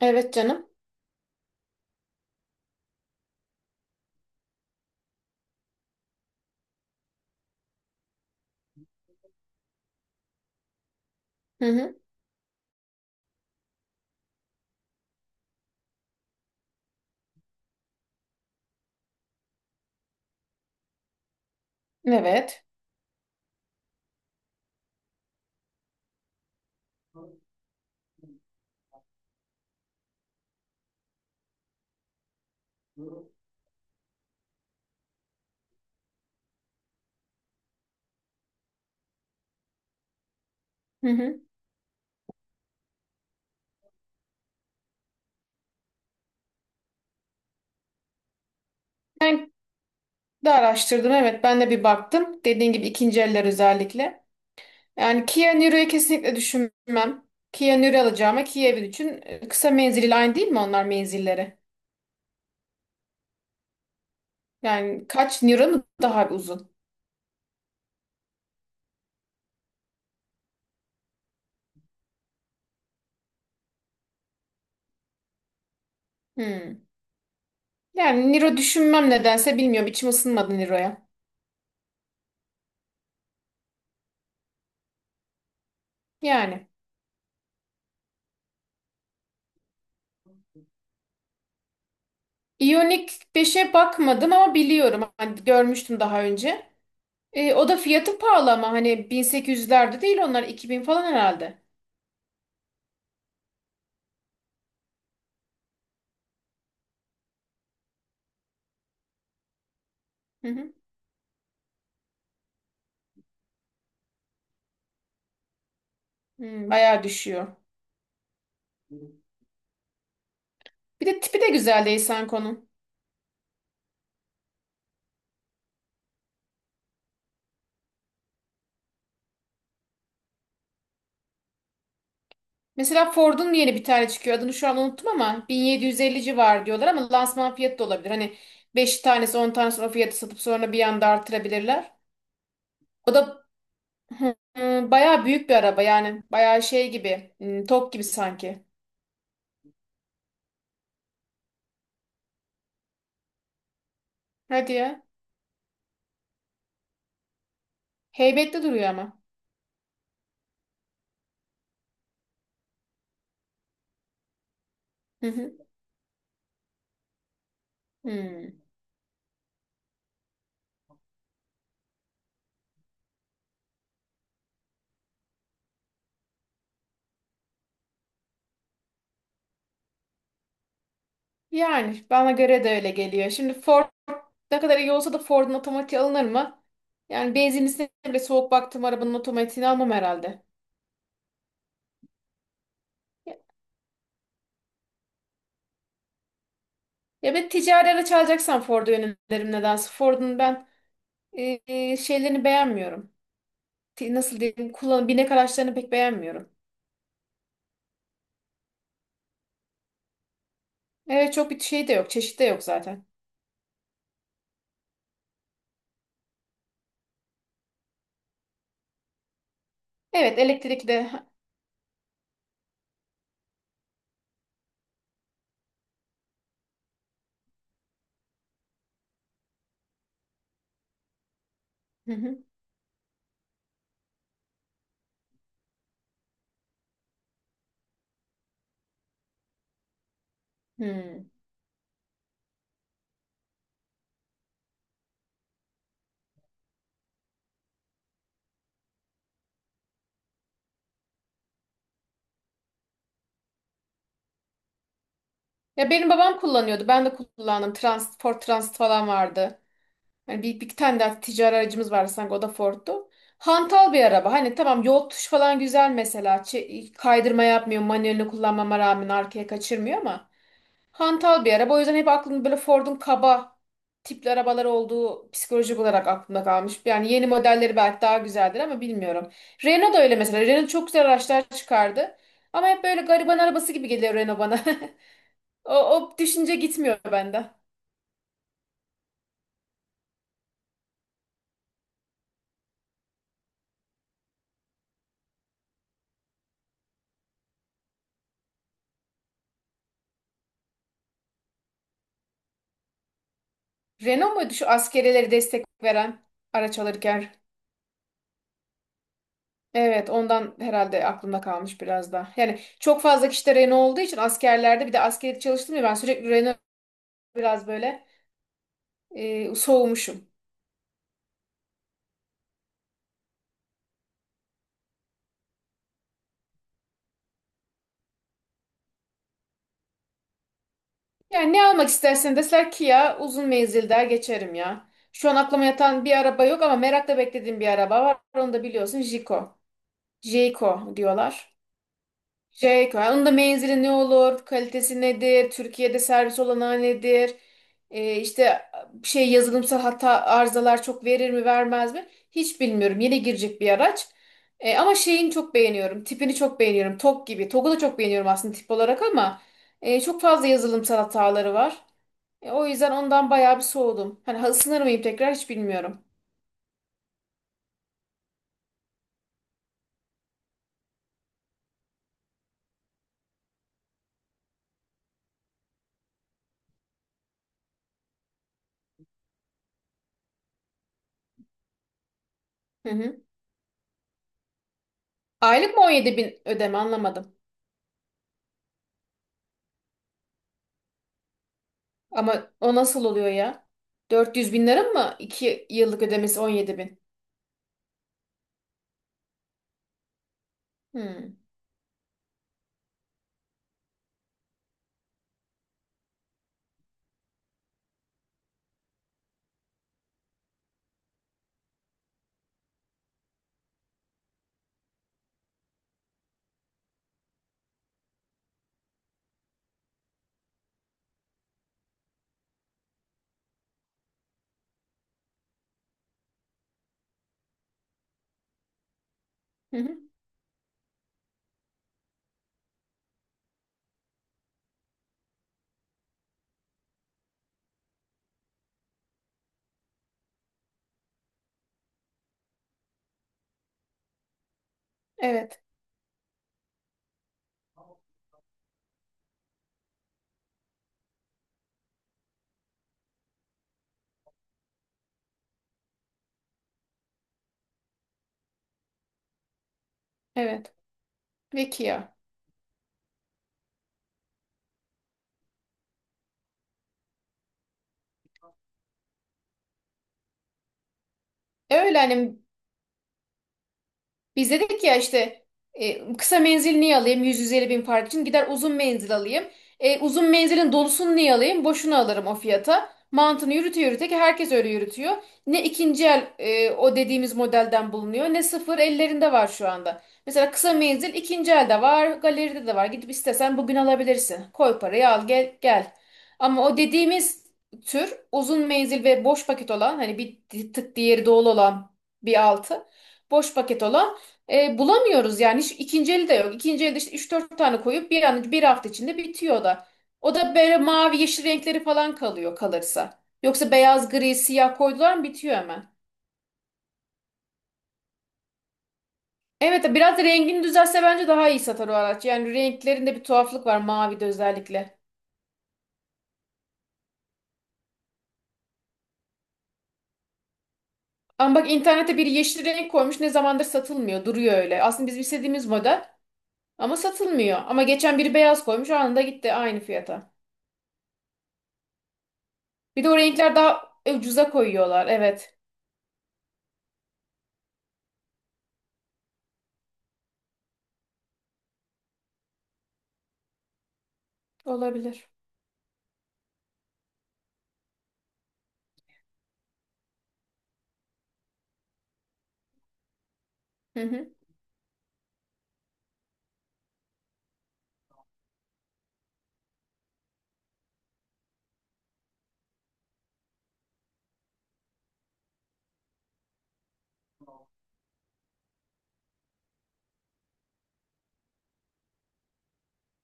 Evet canım. Hı hı. Evet. Hı hı. Ben de araştırdım. Evet ben de bir baktım. Dediğin gibi ikinci eller özellikle. Yani Kia Niro'yu kesinlikle düşünmem. Kia Niro alacağıma Kia Evil için kısa menzilli aynı değil mi onlar menzilleri? Yani kaç Niro mu daha bir uzun? Hmm. Yani Niro düşünmem nedense bilmiyorum. İçim ısınmadı Niro'ya. Yani. Ioniq 5'e bakmadım ama biliyorum. Hani görmüştüm daha önce. O da fiyatı pahalı ama hani 1800'lerde değil, onlar 2000 falan herhalde. Hı hı. Bayağı düşüyor. Bir de tipi de güzel değil Sanko'nun. Mesela Ford'un yeni bir tane çıkıyor. Adını şu an unuttum ama 1750 civarı diyorlar, ama lansman fiyatı da olabilir. Hani 5 tanesi, 10 tanesi o fiyatı satıp sonra bir anda artırabilirler. O da hı, hı, bayağı büyük bir araba yani. Bayağı şey gibi. Tok gibi sanki. Hadi ya. Heybetli duruyor ama. Hı hı. Hmm. Yani bana göre de öyle geliyor. Şimdi Ford ne kadar iyi olsa da Ford'un otomatiği alınır mı? Yani benzinlisine bile soğuk baktım, arabanın otomatiğini almam herhalde. Ya, ya ben ticari araç alacaksam Ford'u yönelirim nedense. Ford'un ben şeylerini beğenmiyorum. Nasıl diyeyim? Kullanım, binek araçlarını pek beğenmiyorum. Evet çok bir şey de yok. Çeşit de yok zaten. Evet elektrikli de. Hı hı. Hmm. Ya benim babam kullanıyordu. Ben de kullandım. Ford Transit falan vardı. Yani bir tane daha ticari aracımız vardı sanki, o da Ford'tu. Hantal bir araba. Hani tamam, yol tuş falan güzel mesela. Kaydırma yapmıyor. Manuelini kullanmama rağmen arkaya kaçırmıyor ama. Hantal bir araba. O yüzden hep aklımda böyle Ford'un kaba tipli arabalar olduğu psikolojik olarak aklımda kalmış. Yani yeni modelleri belki daha güzeldir ama bilmiyorum. Renault da öyle mesela. Renault çok güzel araçlar çıkardı. Ama hep böyle gariban arabası gibi geliyor Renault bana. O düşünce gitmiyor benden. Renault muydu şu askerelere destek veren araç alırken? Evet, ondan herhalde aklımda kalmış biraz da. Yani çok fazla kişi de Renault olduğu için askerlerde, bir de askeri çalıştım ya, ben sürekli Renault biraz böyle soğumuşum. Yani ne almak istersen deseler ki ya uzun menzil der geçerim ya. Şu an aklıma yatan bir araba yok ama merakla beklediğim bir araba var. Onu da biliyorsun, Jiko. Jiko diyorlar. Şey koyar. Onun da menzili ne olur, kalitesi nedir, Türkiye'de servis olanağı nedir, işte şey, yazılımsal hata arızalar çok verir mi vermez mi? Hiç bilmiyorum. Yeni girecek bir araç. Ama şeyini çok beğeniyorum. Tipini çok beğeniyorum. Tok gibi. Tog'u da çok beğeniyorum aslında tip olarak, ama çok fazla yazılımsal hataları var. O yüzden ondan bayağı bir soğudum. Hani ısınır mıyım tekrar hiç bilmiyorum. Hı hı. Aylık mı 17 bin ödeme, anlamadım. Ama o nasıl oluyor ya? 400 bin lira mı? 2 yıllık ödemesi 17 bin. Hmm. Hı hı. Evet. Evet. Peki ya. E öyle hani, biz dedik ya işte, kısa menzil niye alayım 100-150 bin fark için, gider uzun menzil alayım. Uzun menzilin dolusunu niye alayım, boşuna alırım o fiyata. Mantığını yürüte yürüte ki herkes öyle yürütüyor. Ne ikinci el o dediğimiz modelden bulunuyor, ne sıfır ellerinde var şu anda. Mesela kısa menzil ikinci elde var, galeride de var, gidip istesen bugün alabilirsin. Koy parayı, al gel gel. Ama o dediğimiz tür uzun menzil ve boş paket olan, hani bir tık diğeri dolu olan bir altı, boş paket olan, bulamıyoruz yani. Hiç ikinci eli de yok. İkinci elde işte 3-4 tane koyup bir an, bir hafta içinde bitiyor o da. O da böyle mavi yeşil renkleri falan kalıyor, kalırsa. Yoksa beyaz, gri, siyah koydular mı bitiyor hemen. Evet, biraz da rengini düzelse bence daha iyi satar o araç. Yani renklerinde bir tuhaflık var, mavide özellikle. Ama bak, internete bir yeşil renk koymuş, ne zamandır satılmıyor, duruyor öyle. Aslında bizim istediğimiz model ama satılmıyor. Ama geçen biri beyaz koymuş, anında gitti aynı fiyata. Bir de o renkler daha ucuza koyuyorlar, evet olabilir. Hı hı.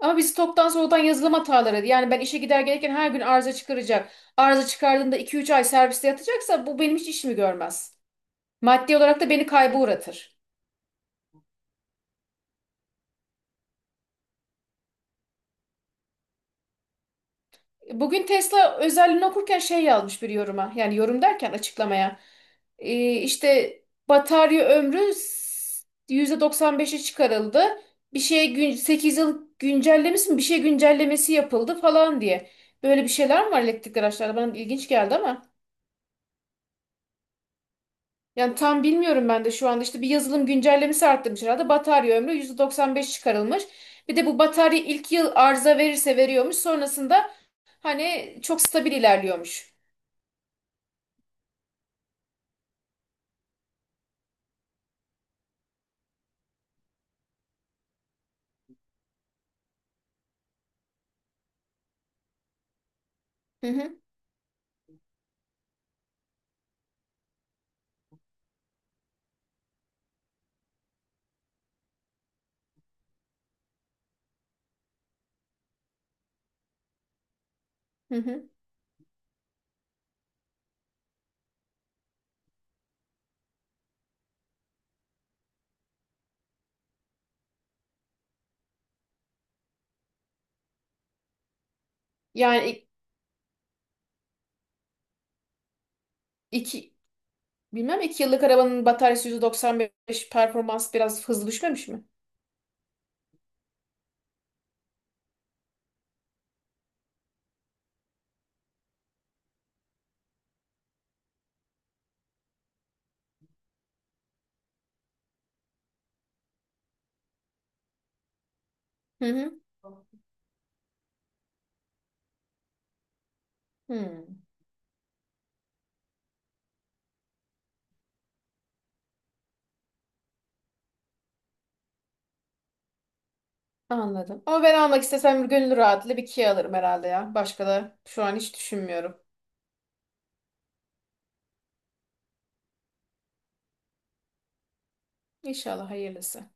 Ama biz toptan soğuktan, yazılım hataları. Yani ben işe gider gelirken her gün arıza çıkaracak. Arıza çıkardığında 2-3 ay serviste yatacaksa bu benim hiç işimi görmez. Maddi olarak da beni kayba uğratır. Bugün Tesla özelliğini okurken şey yazmış bir yoruma. Yani yorum derken, açıklamaya. İşte batarya ömrü %95'e çıkarıldı. Bir şey gün, 8 yıl güncellemesi mi? Bir şey güncellemesi yapıldı falan diye. Böyle bir şeyler mi var elektrikli araçlarda? Bana ilginç geldi ama. Yani tam bilmiyorum, ben de şu anda işte bir yazılım güncellemesi arttırmış herhalde. Batarya ömrü %95 çıkarılmış. Bir de bu batarya ilk yıl arıza verirse veriyormuş. Sonrasında hani çok stabil ilerliyormuş. Hı hı hı. Hı. Yani iki, bilmem 2 yıllık arabanın bataryası %95 performans biraz hızlı düşmemiş mi? Hı hı. Hmm, Anladım. Ama ben almak istesem gönül rahatlığıyla bir Kia alırım herhalde ya. Başka da şu an hiç düşünmüyorum. İnşallah hayırlısı.